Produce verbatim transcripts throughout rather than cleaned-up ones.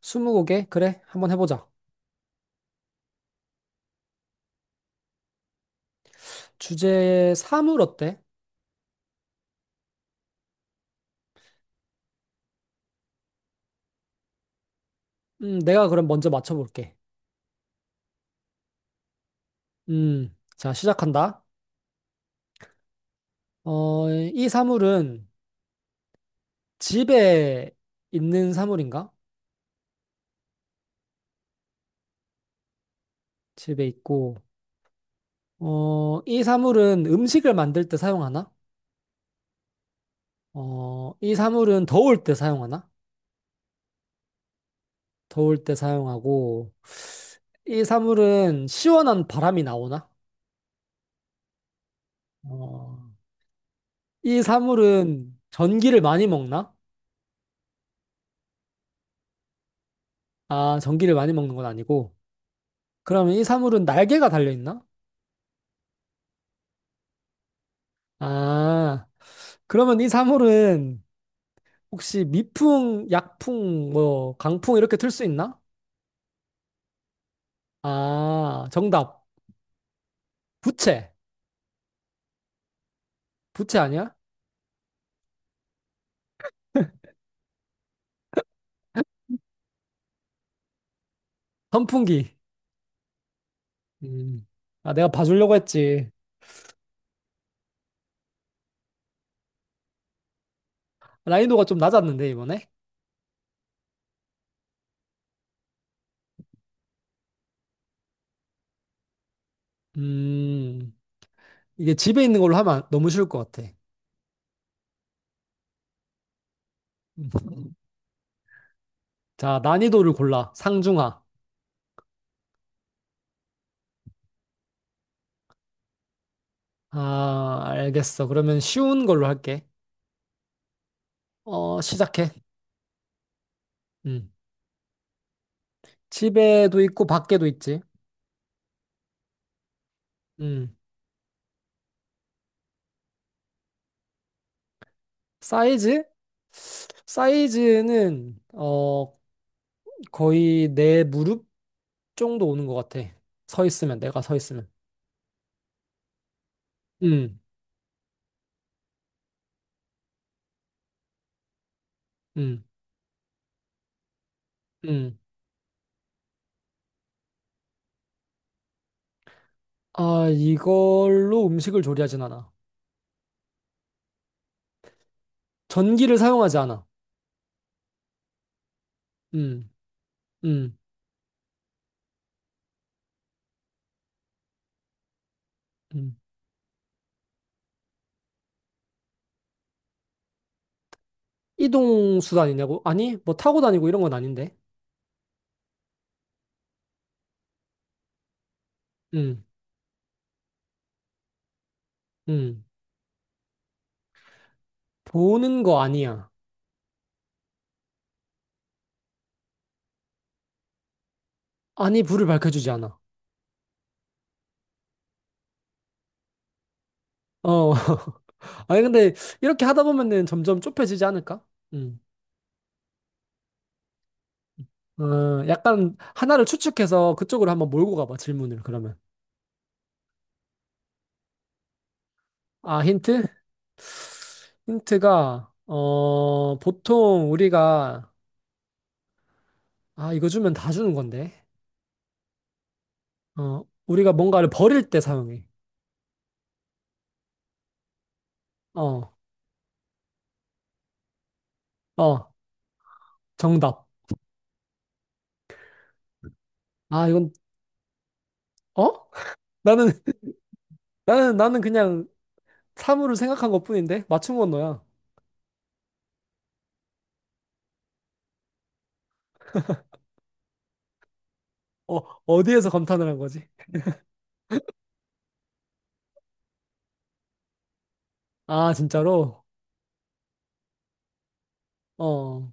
스무고개? 그래, 한번 해보자. 주제 사물 어때? 음, 내가 그럼 먼저 맞춰볼게. 음, 자, 시작한다. 어, 이 사물은 집에 있는 사물인가? 집에 있고, 어, 이 사물은 음식을 만들 때 사용하나? 어, 이 사물은 더울 때 사용하나? 더울 때 사용하고, 이 사물은 시원한 바람이 나오나? 어, 이 사물은 전기를 많이 먹나? 아, 전기를 많이 먹는 건 아니고, 그러면 이 사물은 날개가 달려있나? 아, 그러면 이 사물은 혹시 미풍, 약풍, 뭐, 강풍 이렇게 틀 수 있나? 아, 정답. 부채. 부채 아니야? 선풍기. 음. 아, 내가 봐주려고 했지. 난이도가 좀 낮았는데, 이번에? 음, 이게 집에 있는 걸로 하면 너무 쉬울 것 같아. 음. 자, 난이도를 골라. 상중하. 아, 알겠어. 그러면 쉬운 걸로 할게. 어, 시작해. 음. 집에도 있고, 밖에도 있지. 음. 사이즈? 사이즈는 어 거의 내 무릎 정도 오는 것 같아. 서 있으면 내가 서 있으면. 음, 음, 음. 아, 이걸로 음식을 조리하진 않아. 전기를 사용하지 않아. 음, 음, 음. 이동 수단이냐고? 아니 뭐 타고 다니고 이런 건 아닌데. 음, 음. 보는 거 아니야. 아니 불을 밝혀주지 않아. 어. 아니 근데 이렇게 하다 보면은 점점 좁혀지지 않을까? 음. 어, 약간 하나를 추측해서 그쪽으로 한번 몰고 가봐, 질문을, 그러면. 아, 힌트? 힌트가, 어, 보통 우리가, 아, 이거 주면 다 주는 건데. 어, 우리가 뭔가를 버릴 때 사용해. 어, 어, 정답. 아, 이건, 어? 나는, 나는, 나는 그냥 사물을 생각한 것뿐인데? 맞춘 건 너야. 어, 어디에서 감탄을 한 거지? 아, 진짜로? 어,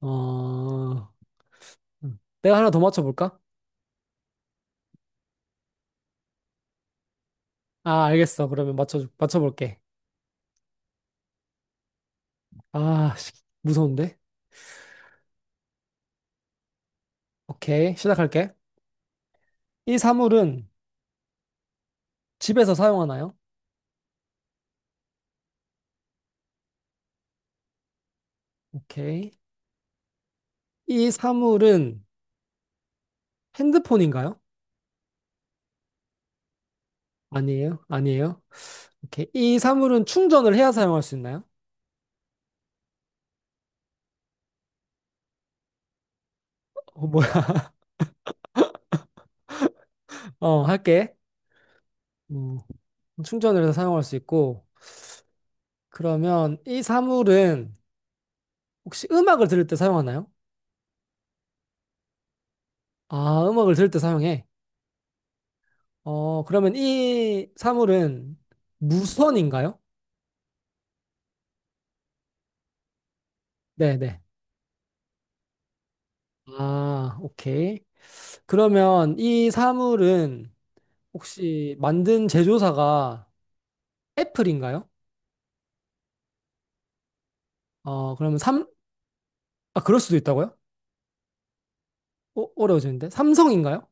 어. 음. 내가 하나 더 맞춰볼까? 아, 알겠어. 그러면 맞춰, 맞춰볼게. 아, 씨, 무서운데? 오케이, 시작할게. 이 사물은 집에서 사용하나요? 오케이. 이 사물은 핸드폰인가요? 아니에요, 아니에요. 오케이. 이 사물은 충전을 해야 사용할 수 있나요? 어, 뭐야? 어, 할게. 음, 충전을 해서 사용할 수 있고. 그러면 이 사물은 혹시 음악을 들을 때 사용하나요? 아, 음악을 들을 때 사용해. 어, 그러면 이 사물은 무선인가요? 네네. 아, 오케이. 그러면 이 사물은 혹시 만든 제조사가 애플인가요? 어, 그러면 삼, 아, 그럴 수도 있다고요? 어, 어려워지는데? 삼성인가요?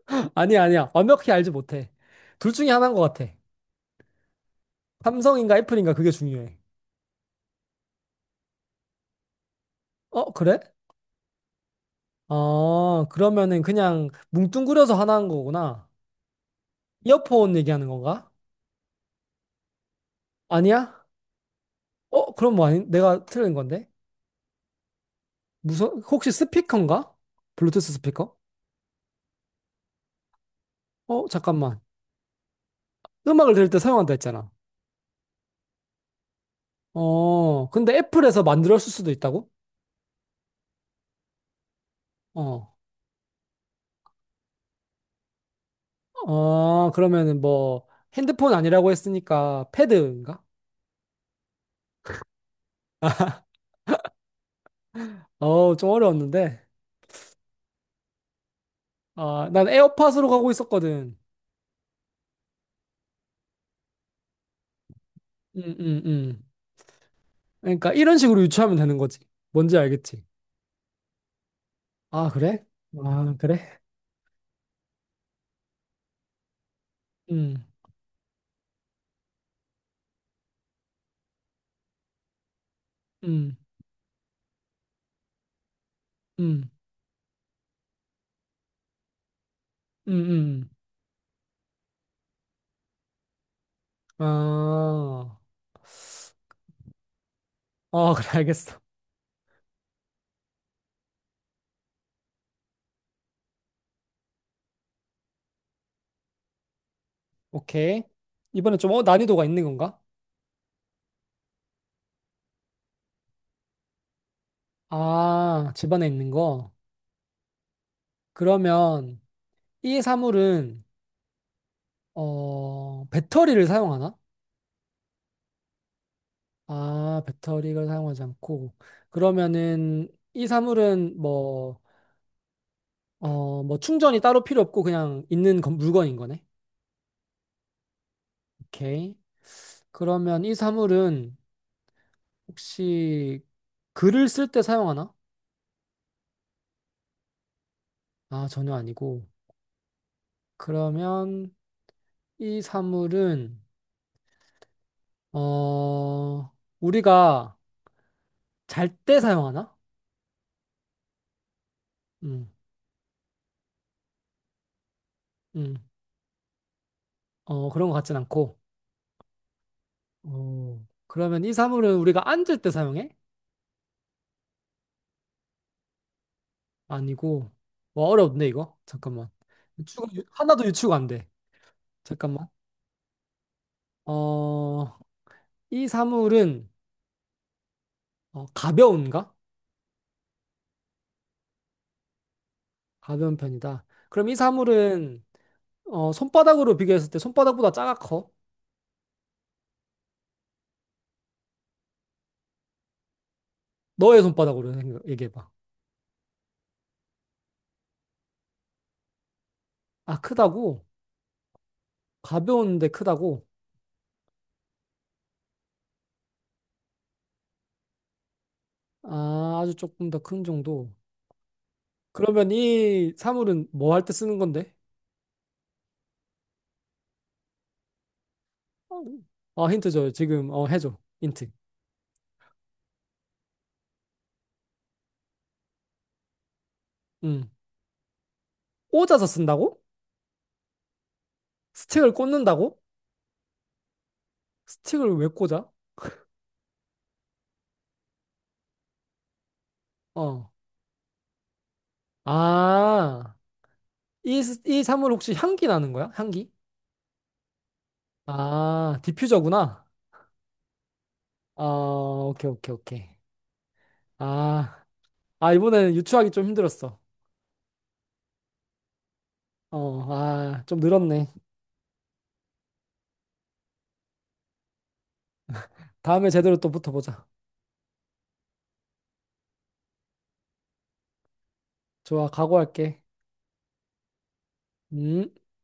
아니야, 아니야. 완벽히 알지 못해. 둘 중에 하나인 것 같아. 삼성인가 애플인가 그게 중요해. 어, 그래? 어, 그러면은 그냥 뭉뚱그려서 하나인 거구나. 이어폰 얘기하는 건가? 아니야? 어, 그럼 뭐 아니, 내가 틀린 건데? 무슨, 혹시 스피커인가? 블루투스 스피커? 어, 잠깐만. 음악을 들을 때 사용한다 했잖아. 어, 근데 애플에서 만들었을 수도 있다고? 어, 어, 그러면은 뭐, 핸드폰 아니라고 했으니까, 패드인가? 어, 좀 어려웠는데. 아, 난 에어팟으로 가고 있었거든. 음, 음, 음. 그러니까 이런 식으로 유추하면 되는 거지. 뭔지 알겠지? 아, 그래? 아, 그래? 음, 음, 음, 음, 음. 아, 어, 그래, 알겠어. 오케이. 이번에 좀, 어, 난이도가 있는 건가? 아, 집안에 있는 거. 그러면, 이 사물은 어, 배터리를 사용하나? 아, 배터리를 사용하지 않고 그러면은 이 사물은 뭐, 어, 뭐 충전이 따로 필요 없고 그냥 있는 건- 물건인 거네. 오케이. 그러면 이 사물은 혹시 글을 쓸 때 사용하나? 아, 전혀 아니고. 그러면 이 사물은 어, 우리가 잘 때 사용하나? 음, 음, 어, 그런 것 같진 않고. 어, 그러면 이 사물은 우리가 앉을 때 사용해? 아니고, 와, 어렵네, 이거. 잠깐만. 유추가, 유- 하나도 유추가 안 돼. 잠깐만. 어, 이 사물은 어, 가벼운가? 가벼운 편이다. 그럼 이 사물은 어, 손바닥으로 비교했을 때 손바닥보다 작아 커? 너의 손바닥으로 생각- 얘기해봐. 아, 크다고? 가벼운데 크다고? 아, 아주 조금 더 큰 정도. 그러면 이 사물은 뭐 할 때 쓰는 건데? 어, 힌트 줘요. 지금 어, 해줘. 힌트. 음. 꽂아서 쓴다고? 스틱을 꽂는다고? 스틱을 왜 꽂아? 어. 아, 이, 스- 이 사물 혹시 향기 나는 거야? 향기? 아, 디퓨저구나. 아, 오케이, 오케이, 오케이. 아, 아, 이번에는 유추하기 좀 힘들었어. 어, 아, 좀 늘었네. 다음에 제대로 또 붙어보자. 좋아, 각오할게. 음.